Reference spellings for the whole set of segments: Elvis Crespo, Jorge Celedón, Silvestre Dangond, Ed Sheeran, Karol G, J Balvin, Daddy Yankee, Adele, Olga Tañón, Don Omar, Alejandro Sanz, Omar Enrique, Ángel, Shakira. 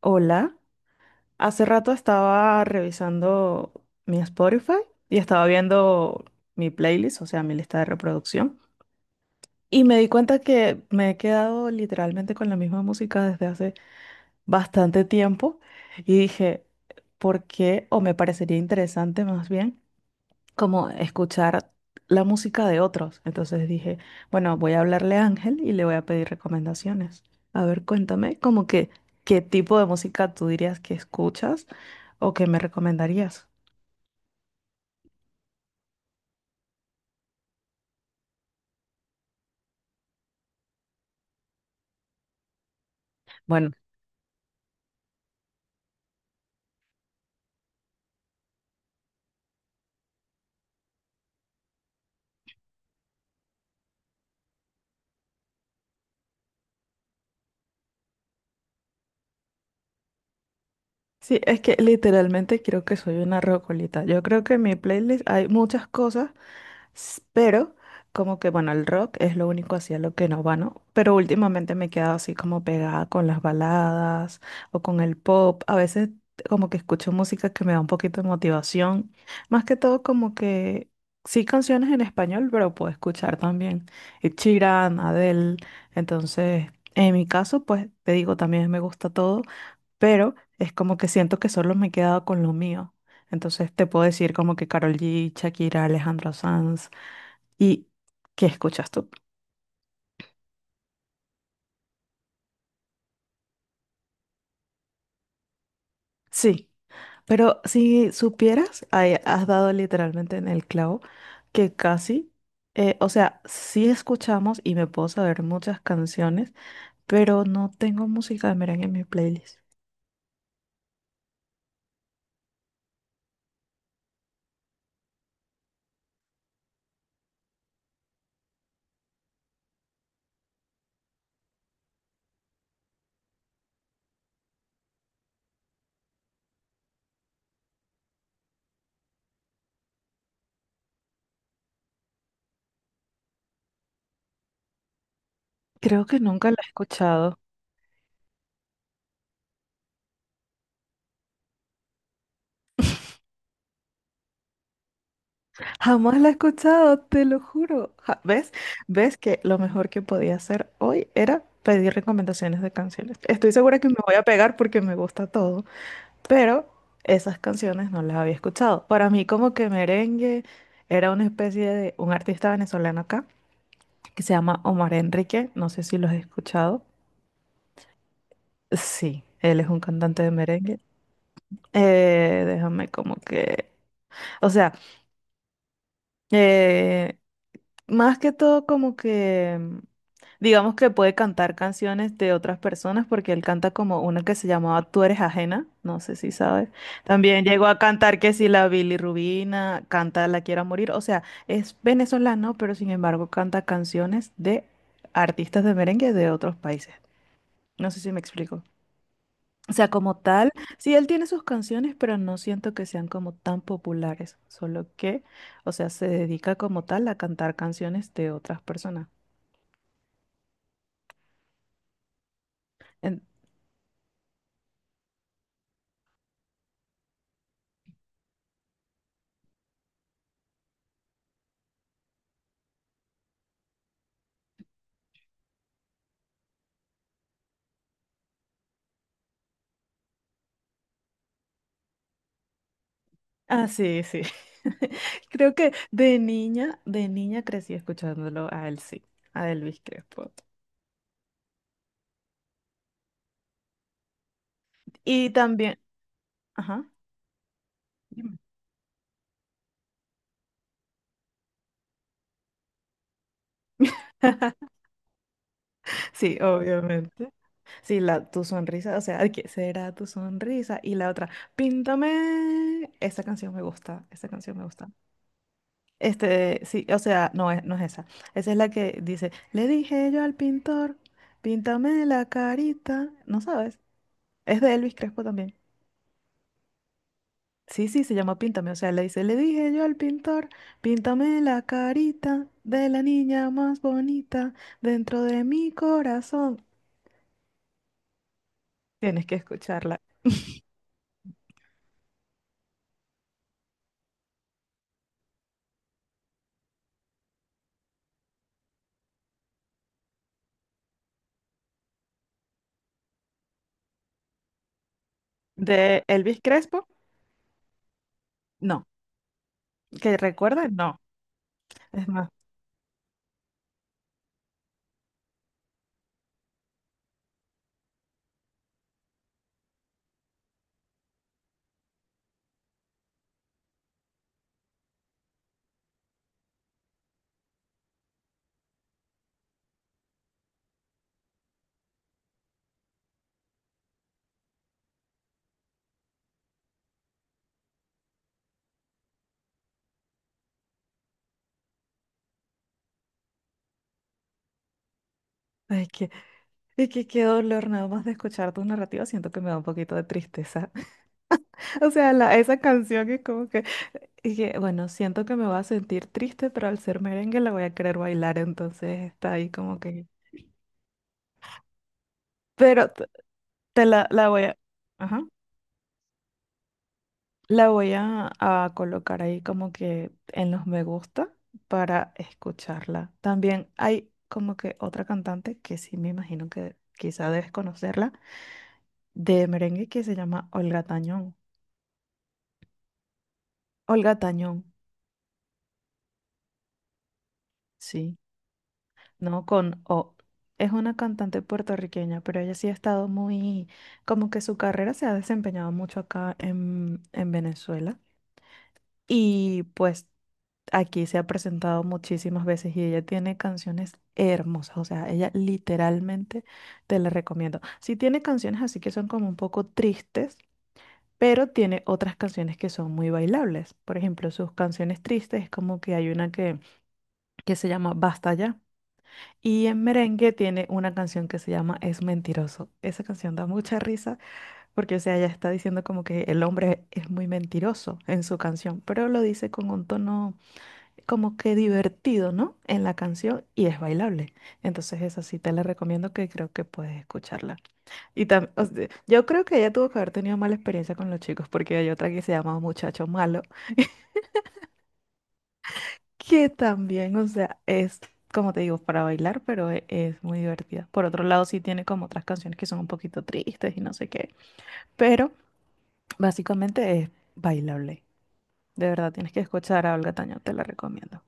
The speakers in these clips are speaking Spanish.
Hola, hace rato estaba revisando mi Spotify y estaba viendo mi playlist, o sea, mi lista de reproducción, y me di cuenta que me he quedado literalmente con la misma música desde hace bastante tiempo y dije, ¿por qué? O me parecería interesante más bien como escuchar la música de otros. Entonces dije, bueno, voy a hablarle a Ángel y le voy a pedir recomendaciones. A ver, cuéntame, como que, ¿qué tipo de música tú dirías que escuchas o que me recomendarías? Bueno, sí, es que literalmente creo que soy una rocolita. Yo creo que en mi playlist hay muchas cosas. Pero como que, bueno, el rock es lo único hacia lo que no va, ¿no? Pero últimamente me he quedado así como pegada con las baladas o con el pop. A veces como que escucho música que me da un poquito de motivación. Más que todo como que sí canciones en español, pero puedo escuchar también Ed Sheeran, Adele. Entonces, en mi caso, pues te digo, también me gusta todo, pero es como que siento que solo me he quedado con lo mío. Entonces te puedo decir como que Karol G, Shakira, Alejandro Sanz, ¿y qué escuchas tú? Sí, pero si supieras, ahí has dado literalmente en el clavo que casi, o sea, sí escuchamos y me puedo saber muchas canciones, pero no tengo música de merengue en mi playlist. Creo que nunca la he escuchado. Jamás la he escuchado, te lo juro. ¿Ves? ¿Ves que lo mejor que podía hacer hoy era pedir recomendaciones de canciones? Estoy segura que me voy a pegar porque me gusta todo, pero esas canciones no las había escuchado. Para mí como que merengue era una especie de un artista venezolano acá que se llama Omar Enrique, no sé si lo has escuchado. Sí, él es un cantante de merengue. Déjame como que, o sea, eh, más que todo como que, digamos que puede cantar canciones de otras personas porque él canta como una que se llamaba Tú eres ajena, no sé si sabes. También llegó a cantar que si la Rubina canta La quiera morir, o sea, es venezolano, pero sin embargo canta canciones de artistas de merengue de otros países. No sé si me explico. O sea, como tal, sí, él tiene sus canciones, pero no siento que sean como tan populares, solo que, o sea, se dedica como tal a cantar canciones de otras personas. En- Ah, sí, sí. Creo que de niña crecí escuchándolo a él, sí, a Elvis Crespo. Y también, ajá. Dime. Sí, obviamente. Sí, la, tu sonrisa, o sea, ¿de qué será tu sonrisa? Y la otra, píntame. Esa canción me gusta, esa canción me gusta. Este, sí, o sea, no es, no es esa. Esa es la que dice, le dije yo al pintor, píntame la carita. ¿No sabes? Es de Elvis Crespo también. Sí, sí, se llama Píntame. O sea, le dice, le dije yo al pintor, píntame la carita de la niña más bonita dentro de mi corazón. Tienes que escucharla. ¿De Elvis Crespo? No, que recuerda, no. Es más, es que, es que qué dolor, nada más de escuchar tu narrativa, siento que me da un poquito de tristeza. O sea, la, esa canción es como que, y que, bueno, siento que me va a sentir triste, pero al ser merengue la voy a querer bailar, entonces está ahí como que... Pero t- te la, la voy a... Ajá. La voy a colocar ahí como que en los me gusta para escucharla. También hay como que otra cantante que sí me imagino que quizá debes conocerla, de merengue que se llama Olga Tañón. Olga Tañón, sí, no con O. Es una cantante puertorriqueña, pero ella sí ha estado muy, como que su carrera se ha desempeñado mucho acá en Venezuela. Y pues aquí se ha presentado muchísimas veces y ella tiene canciones hermosas, o sea, ella literalmente te la recomiendo. Sí tiene canciones así que son como un poco tristes, pero tiene otras canciones que son muy bailables. Por ejemplo, sus canciones tristes es como que hay una que se llama Basta ya. Y en merengue tiene una canción que se llama Es mentiroso. Esa canción da mucha risa porque, o sea, ella está diciendo como que el hombre es muy mentiroso en su canción, pero lo dice con un tono como que divertido, ¿no? En la canción y es bailable. Entonces esa sí te la recomiendo que creo que puedes escucharla. Y también, yo creo que ella tuvo que haber tenido mala experiencia con los chicos porque hay otra que se llama Muchacho Malo, que también, o sea, es, como te digo, para bailar, pero es muy divertida. Por otro lado, sí tiene como otras canciones que son un poquito tristes y no sé qué, pero básicamente es bailable. De verdad, tienes que escuchar a Olga Tañón, te la recomiendo.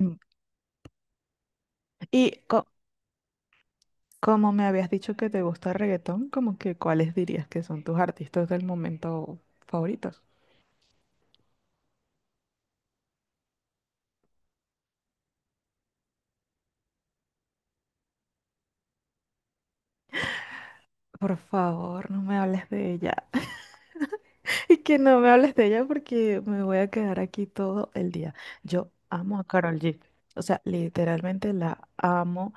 Mm. Y co- Como me habías dicho que te gusta el reggaetón, como que ¿cuáles dirías que son tus artistas del momento favoritos? Por favor, no me hables de ella. Y que no me hables de ella porque me voy a quedar aquí todo el día. Yo amo a Karol G. O sea, literalmente la amo.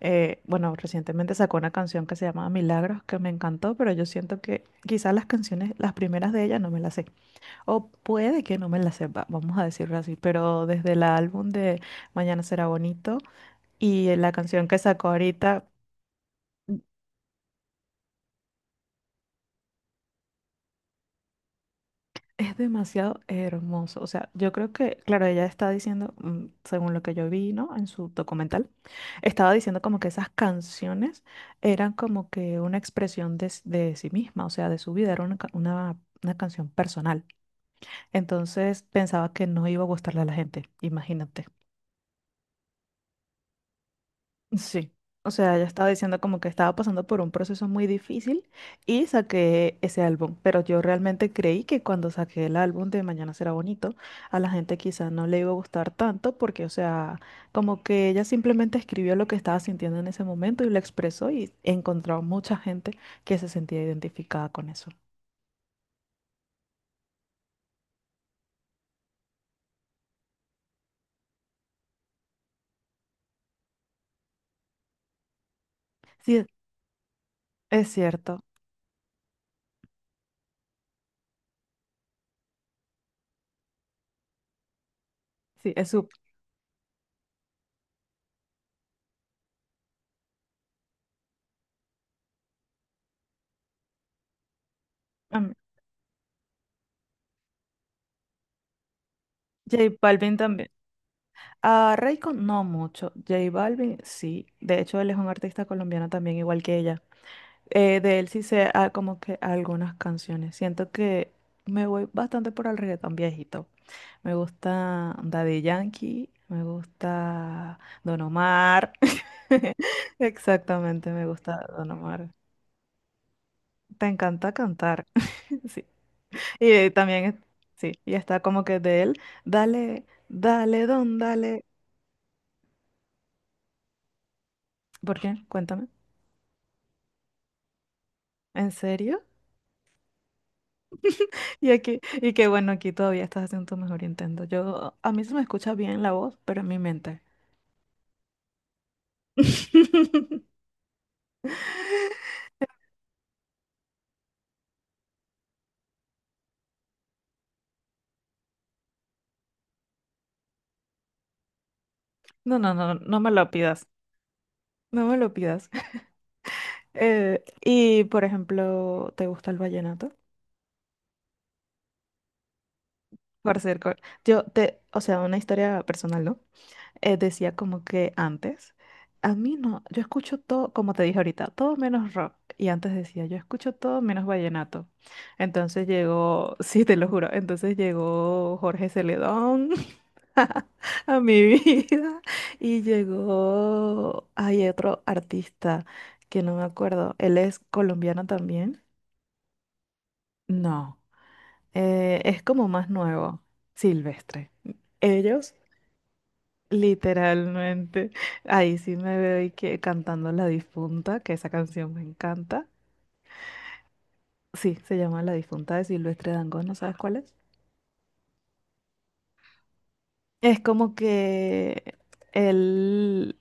Bueno, recientemente sacó una canción que se llama Milagros, que me encantó, pero yo siento que quizás las canciones, las primeras de ella no me las sé. O puede que no me la sepa, vamos a decirlo así, pero desde el álbum de Mañana será bonito y la canción que sacó ahorita es demasiado hermoso. O sea, yo creo que, claro, ella está diciendo, según lo que yo vi, ¿no? En su documental, estaba diciendo como que esas canciones eran como que una expresión de, de sí misma, o sea, de su vida, era una, una canción personal. Entonces pensaba que no iba a gustarle a la gente, imagínate. Sí, o sea, ella estaba diciendo como que estaba pasando por un proceso muy difícil y saqué ese álbum, pero yo realmente creí que cuando saqué el álbum de Mañana será bonito, a la gente quizás no le iba a gustar tanto porque, o sea, como que ella simplemente escribió lo que estaba sintiendo en ese momento y lo expresó y encontró mucha gente que se sentía identificada con eso. Sí, es cierto, sí, es su... am- J Balvin también. A Rayco no mucho, J Balvin sí, de hecho él es un artista colombiano también igual que ella. De él sí sé ah, como que algunas canciones, siento que me voy bastante por el reggaetón viejito. Me gusta Daddy Yankee, me gusta Don Omar. Exactamente, me gusta Don Omar. Te encanta cantar, sí. Y también, sí, y está como que de él, dale, dale, don, dale. ¿Por qué? Cuéntame. ¿En serio? Y aquí, y qué bueno, aquí todavía estás haciendo tu mejor intento. Yo, a mí se me escucha bien la voz, pero en mi mente. No, no, no, no me lo pidas. No me lo pidas. Y, por ejemplo, ¿te gusta el vallenato? Por ser, yo te, o sea, una historia personal, ¿no? Decía como que antes, a mí no, yo escucho todo, como te dije ahorita, todo menos rock. Y antes decía, yo escucho todo menos vallenato. Entonces llegó, sí, te lo juro, entonces llegó Jorge Celedón a mi vida y llegó, hay otro artista que no me acuerdo, él es colombiano también. No, es como más nuevo, Silvestre. Ellos literalmente. Ahí sí me veo y que cantando La Difunta, que esa canción me encanta. Sí, se llama La Difunta de Silvestre Dangond, ¿no sabes cuál es? Es como que él,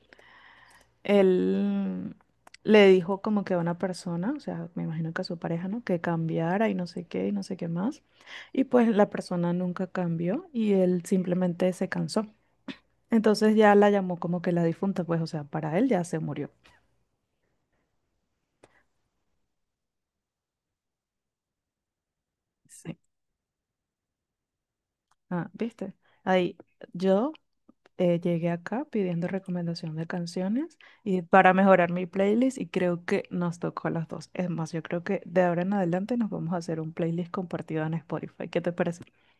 él le dijo como que a una persona, o sea, me imagino que a su pareja, ¿no? Que cambiara y no sé qué y no sé qué más. Y pues la persona nunca cambió y él simplemente se cansó. Entonces ya la llamó como que la difunta, pues, o sea, para él ya se murió. Sí. Ah, ¿viste? Ahí, yo llegué acá pidiendo recomendación de canciones y para mejorar mi playlist y creo que nos tocó a las dos. Es más, yo creo que de ahora en adelante nos vamos a hacer un playlist compartido en Spotify. ¿Qué te parece?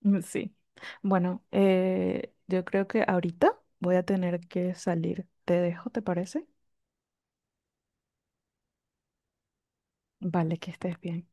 Mm, sí. Bueno, yo creo que ahorita voy a tener que salir. Te dejo, ¿te parece? Vale, que estés bien.